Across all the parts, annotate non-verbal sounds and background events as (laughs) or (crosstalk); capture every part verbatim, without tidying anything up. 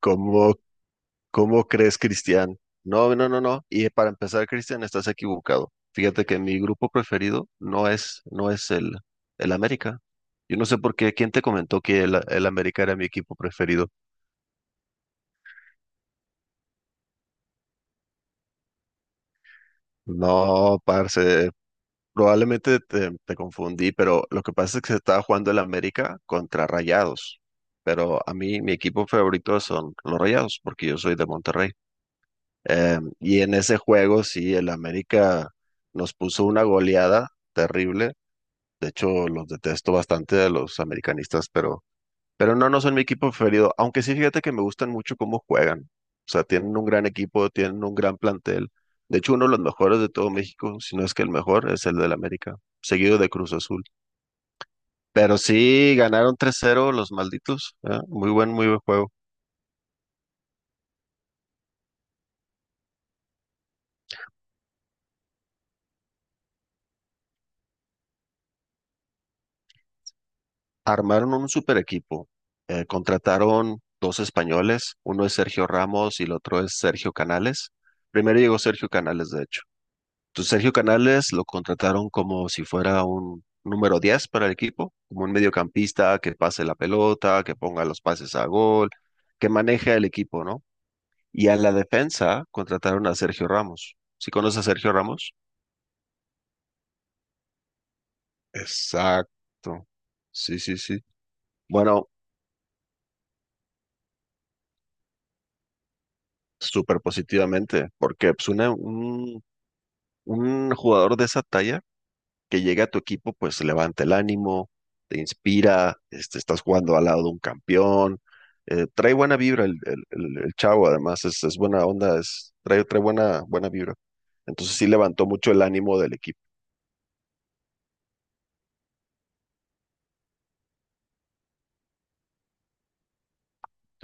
¿Cómo, cómo crees, Cristian? No, no, no, no. Y para empezar, Cristian, estás equivocado. Fíjate que mi grupo preferido no es, no es el, el América. Yo no sé por qué, ¿quién te comentó que el, el América era mi equipo preferido? No, parce, probablemente te, te confundí, pero lo que pasa es que se estaba jugando el América contra Rayados. Pero a mí, mi equipo favorito son los Rayados, porque yo soy de Monterrey. Eh, y en ese juego, sí, el América nos puso una goleada terrible. De hecho, los detesto bastante a los americanistas, pero, pero no, no son mi equipo preferido. Aunque sí, fíjate que me gustan mucho cómo juegan. O sea, tienen un gran equipo, tienen un gran plantel. De hecho, uno de los mejores de todo México, si no es que el mejor, es el del América, seguido de Cruz Azul. Pero sí, ganaron tres cero los malditos. ¿eh? Muy buen, muy buen juego. Armaron un super equipo. Eh, contrataron dos españoles, uno es Sergio Ramos y el otro es Sergio Canales. Primero llegó Sergio Canales, de hecho. Entonces Sergio Canales lo contrataron como si fuera un número diez para el equipo, como un mediocampista que pase la pelota, que ponga los pases a gol, que maneje el equipo, ¿no? Y a la defensa contrataron a Sergio Ramos. ¿Sí conoces a Sergio Ramos? Exacto. Sí, sí, sí. Bueno, súper positivamente, porque pues, una- un, un jugador de esa talla que llega a tu equipo, pues levanta el ánimo, te inspira, este, estás jugando al lado de un campeón, eh, trae buena vibra el, el- el- el chavo, además es, es buena onda, es, trae, trae buena, buena vibra. Entonces sí levantó mucho el ánimo del equipo.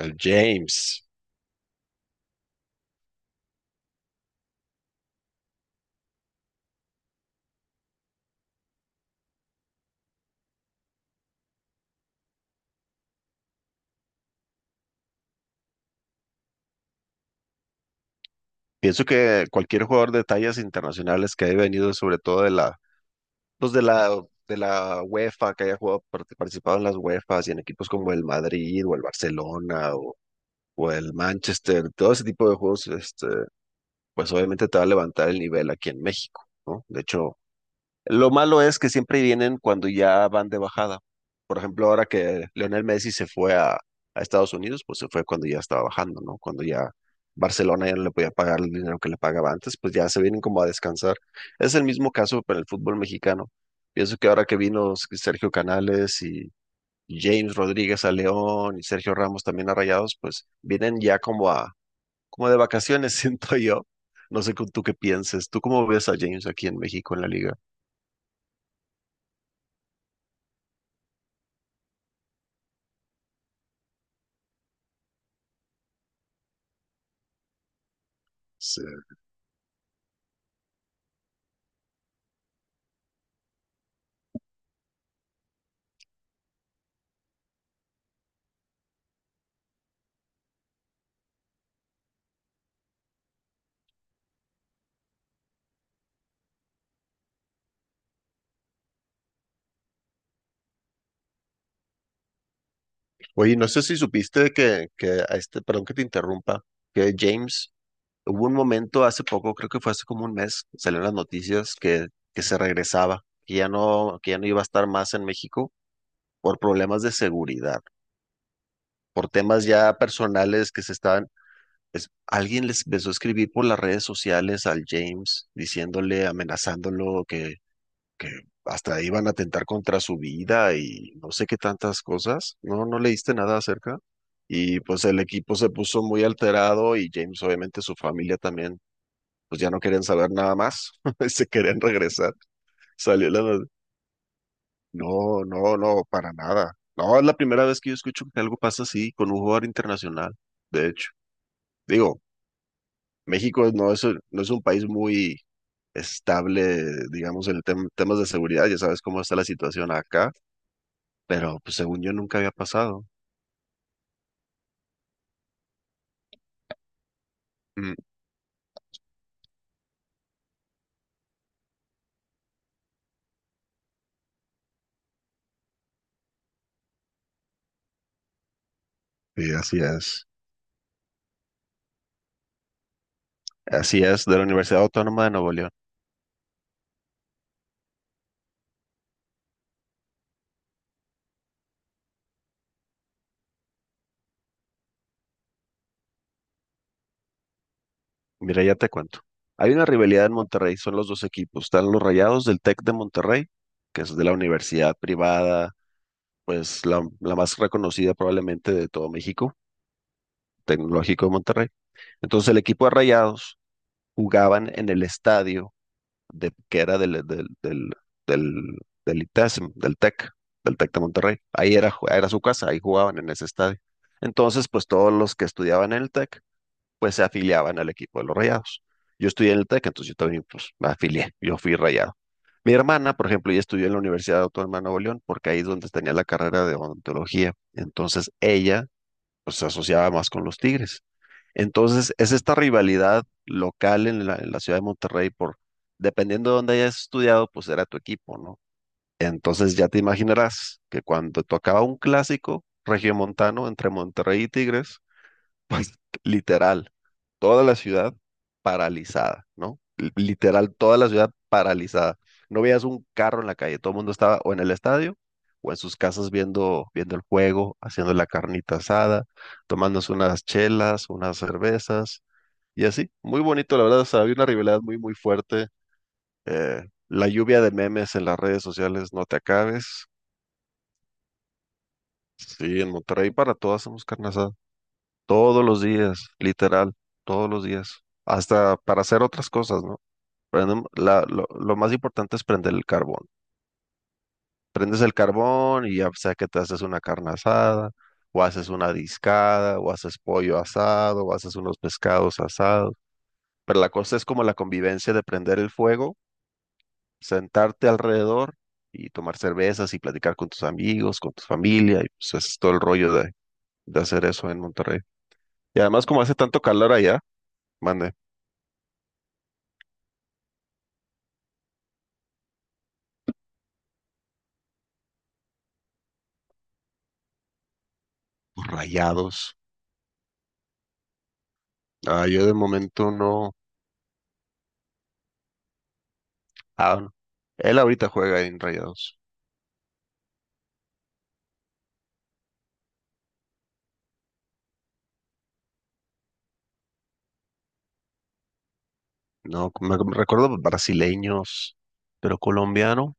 El James. Pienso que cualquier jugador de tallas internacionales que haya venido, sobre todo de la los de la, de la UEFA, que haya jugado, parte- participado en las UEFAs y en equipos como el Madrid o el Barcelona o, o el Manchester, todo ese tipo de juegos, este, pues obviamente te va a levantar el nivel aquí en México, ¿no? De hecho, lo malo es que siempre vienen cuando ya van de bajada. Por ejemplo, ahora que Lionel Messi se fue a, a Estados Unidos, pues se fue cuando ya estaba bajando, ¿no? Cuando ya Barcelona ya no le podía pagar el dinero que le pagaba antes, pues ya se vienen como a descansar. Es el mismo caso para el fútbol mexicano. Pienso que ahora que vino Sergio Canales y James Rodríguez a León y Sergio Ramos también a Rayados, pues vienen ya como a, como de vacaciones, (laughs) siento yo. No sé cu- tú qué pienses. ¿Tú cómo ves a James aquí en México en la liga? Sí. Oye, no sé si supiste que, que a este, perdón que te interrumpa, que James, hubo un momento hace poco, creo que fue hace como un mes, salieron las noticias que, que se regresaba, que ya no, que ya no iba a estar más en México por problemas de seguridad, por temas ya personales que se estaban, es- alguien les empezó a escribir por las redes sociales al James, diciéndole, amenazándolo, que hasta iban a atentar contra su vida y no sé qué tantas cosas. No, no leíste nada acerca. Y pues el equipo se puso muy alterado y James, obviamente su familia también, pues ya no querían saber nada más, (laughs) se querían regresar. Salió la... no- No, no, no, para nada. No, es la primera vez que yo escucho que algo pasa así con un jugador internacional, de hecho. Digo, México no es, no es un país muy estable, digamos, en el tem- temas de seguridad, ya sabes cómo está la situación acá, pero pues según yo nunca había pasado. Mm. Sí, así es. Así es, de la Universidad Autónoma de Nuevo León. Mira, ya te cuento. Hay una rivalidad en Monterrey, son los dos equipos. Están los Rayados del TEC de Monterrey, que es de la universidad privada, pues la, la más reconocida probablemente de todo México, Tecnológico de Monterrey. Entonces el equipo de Rayados jugaban en el estadio de, que era del, del, del, del, del I T E S M, del TEC, del TEC de Monterrey. Ahí era, era su casa, ahí jugaban en ese estadio. Entonces, pues todos los que estudiaban en el TEC, pues se afiliaban al equipo de los Rayados. Yo estudié en el TEC, entonces yo también pues, me afilié, yo fui Rayado. Mi hermana, por ejemplo, ella estudió en la Universidad Autónoma de Nuevo León, porque ahí es donde tenía la carrera de odontología. Entonces ella pues, se asociaba más con los Tigres. Entonces, es esta rivalidad local en la, en la ciudad de Monterrey por, dependiendo de dónde hayas estudiado, pues era tu equipo, ¿no? Entonces ya te imaginarás que cuando tocaba un clásico regiomontano entre Monterrey y Tigres, (laughs) pues literal, toda la ciudad paralizada, ¿no? L- Literal, toda la ciudad paralizada. No veías un carro en la calle, todo el mundo estaba o en el estadio o en sus casas viendo, viendo el juego, haciendo la carnita asada, tomándose unas chelas, unas cervezas y así, muy bonito, la verdad, o sea, había una rivalidad muy, muy fuerte. eh, la lluvia de memes en las redes sociales, no te acabes. Sí, en Monterrey para todas hacemos carne asada. Todos los días, literal, todos los días. Hasta para hacer otras cosas, ¿no? Prendem- la- lo, lo más importante es prender el carbón. Prendes el carbón y ya sea que te haces una carne asada, o haces una discada, o haces pollo asado, o haces unos pescados asados. Pero la cosa es como la convivencia de prender el fuego, sentarte alrededor y tomar cervezas y platicar con tus amigos, con tu familia, y pues es todo el rollo de, de hacer eso en Monterrey. Y además como hace tanto calor allá, mande, pues, Rayados. Ah, yo de momento no. Ah, no. Él ahorita juega en Rayados. No, me, me recuerdo brasileños, pero colombiano.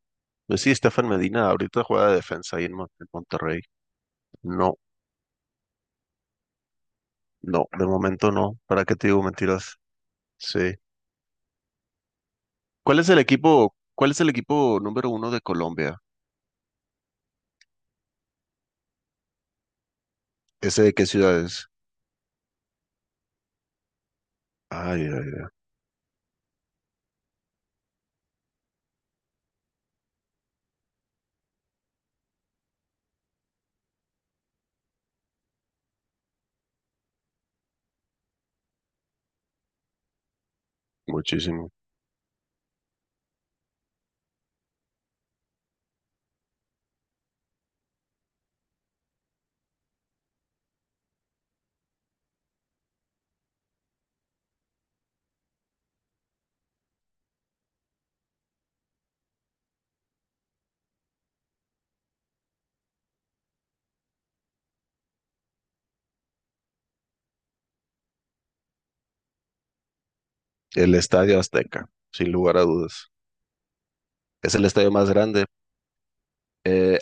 Pues sí, Estefan Medina ahorita juega de defensa ahí en, Mon- en Monterrey. No, no, de momento no. ¿Para qué te digo mentiras? Sí. ¿Cuál es el equipo, cuál es el equipo número uno de Colombia? ¿Ese de qué ciudad es? Ay, ay, muchísimo. El Estadio Azteca, sin lugar a dudas. Es el estadio más grande. Eh,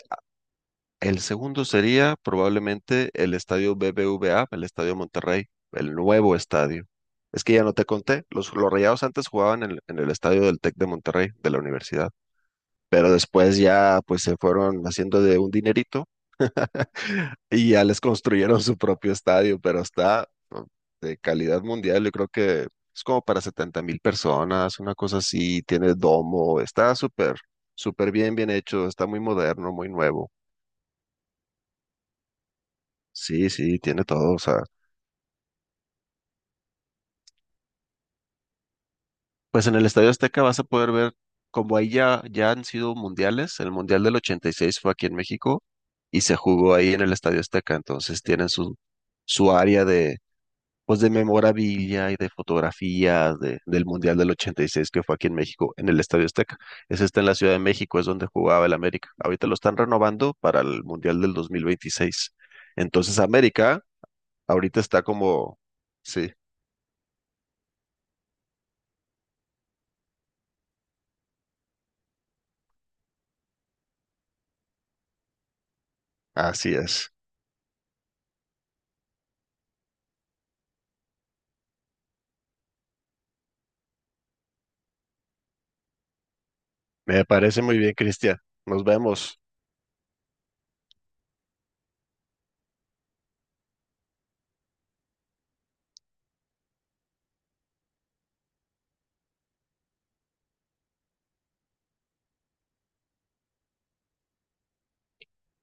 el segundo sería probablemente el Estadio B B V A, el Estadio Monterrey, el nuevo estadio. Es que ya no te conté, los, los Rayados antes jugaban en, el- en el estadio del Tec de Monterrey, de la universidad, pero después ya pues se fueron haciendo de un dinerito. Y ya les construyeron su propio estadio, pero está, ¿no? De calidad mundial. Yo creo que es como para setenta mil personas, una cosa así. Tiene domo, está súper, súper bien, bien hecho. Está muy moderno, muy nuevo. Sí, sí, tiene todo. O sea, pues en el Estadio Azteca vas a poder ver, como ahí ya, ya han sido mundiales, el Mundial del ochenta y seis fue aquí en México y se jugó ahí en el Estadio Azteca. Entonces tienen su, su área de, pues de memorabilia y de fotografías de- del Mundial del ochenta y seis que fue aquí en México, en el Estadio Azteca. Ese está en la Ciudad de México, es donde jugaba el América. Ahorita lo están renovando para el Mundial del dos mil veintiséis. Entonces América ahorita está como, sí, así es. Me parece muy bien, Cristian. Nos vemos.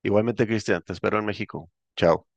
Igualmente, Cristian, te espero en México. Chao.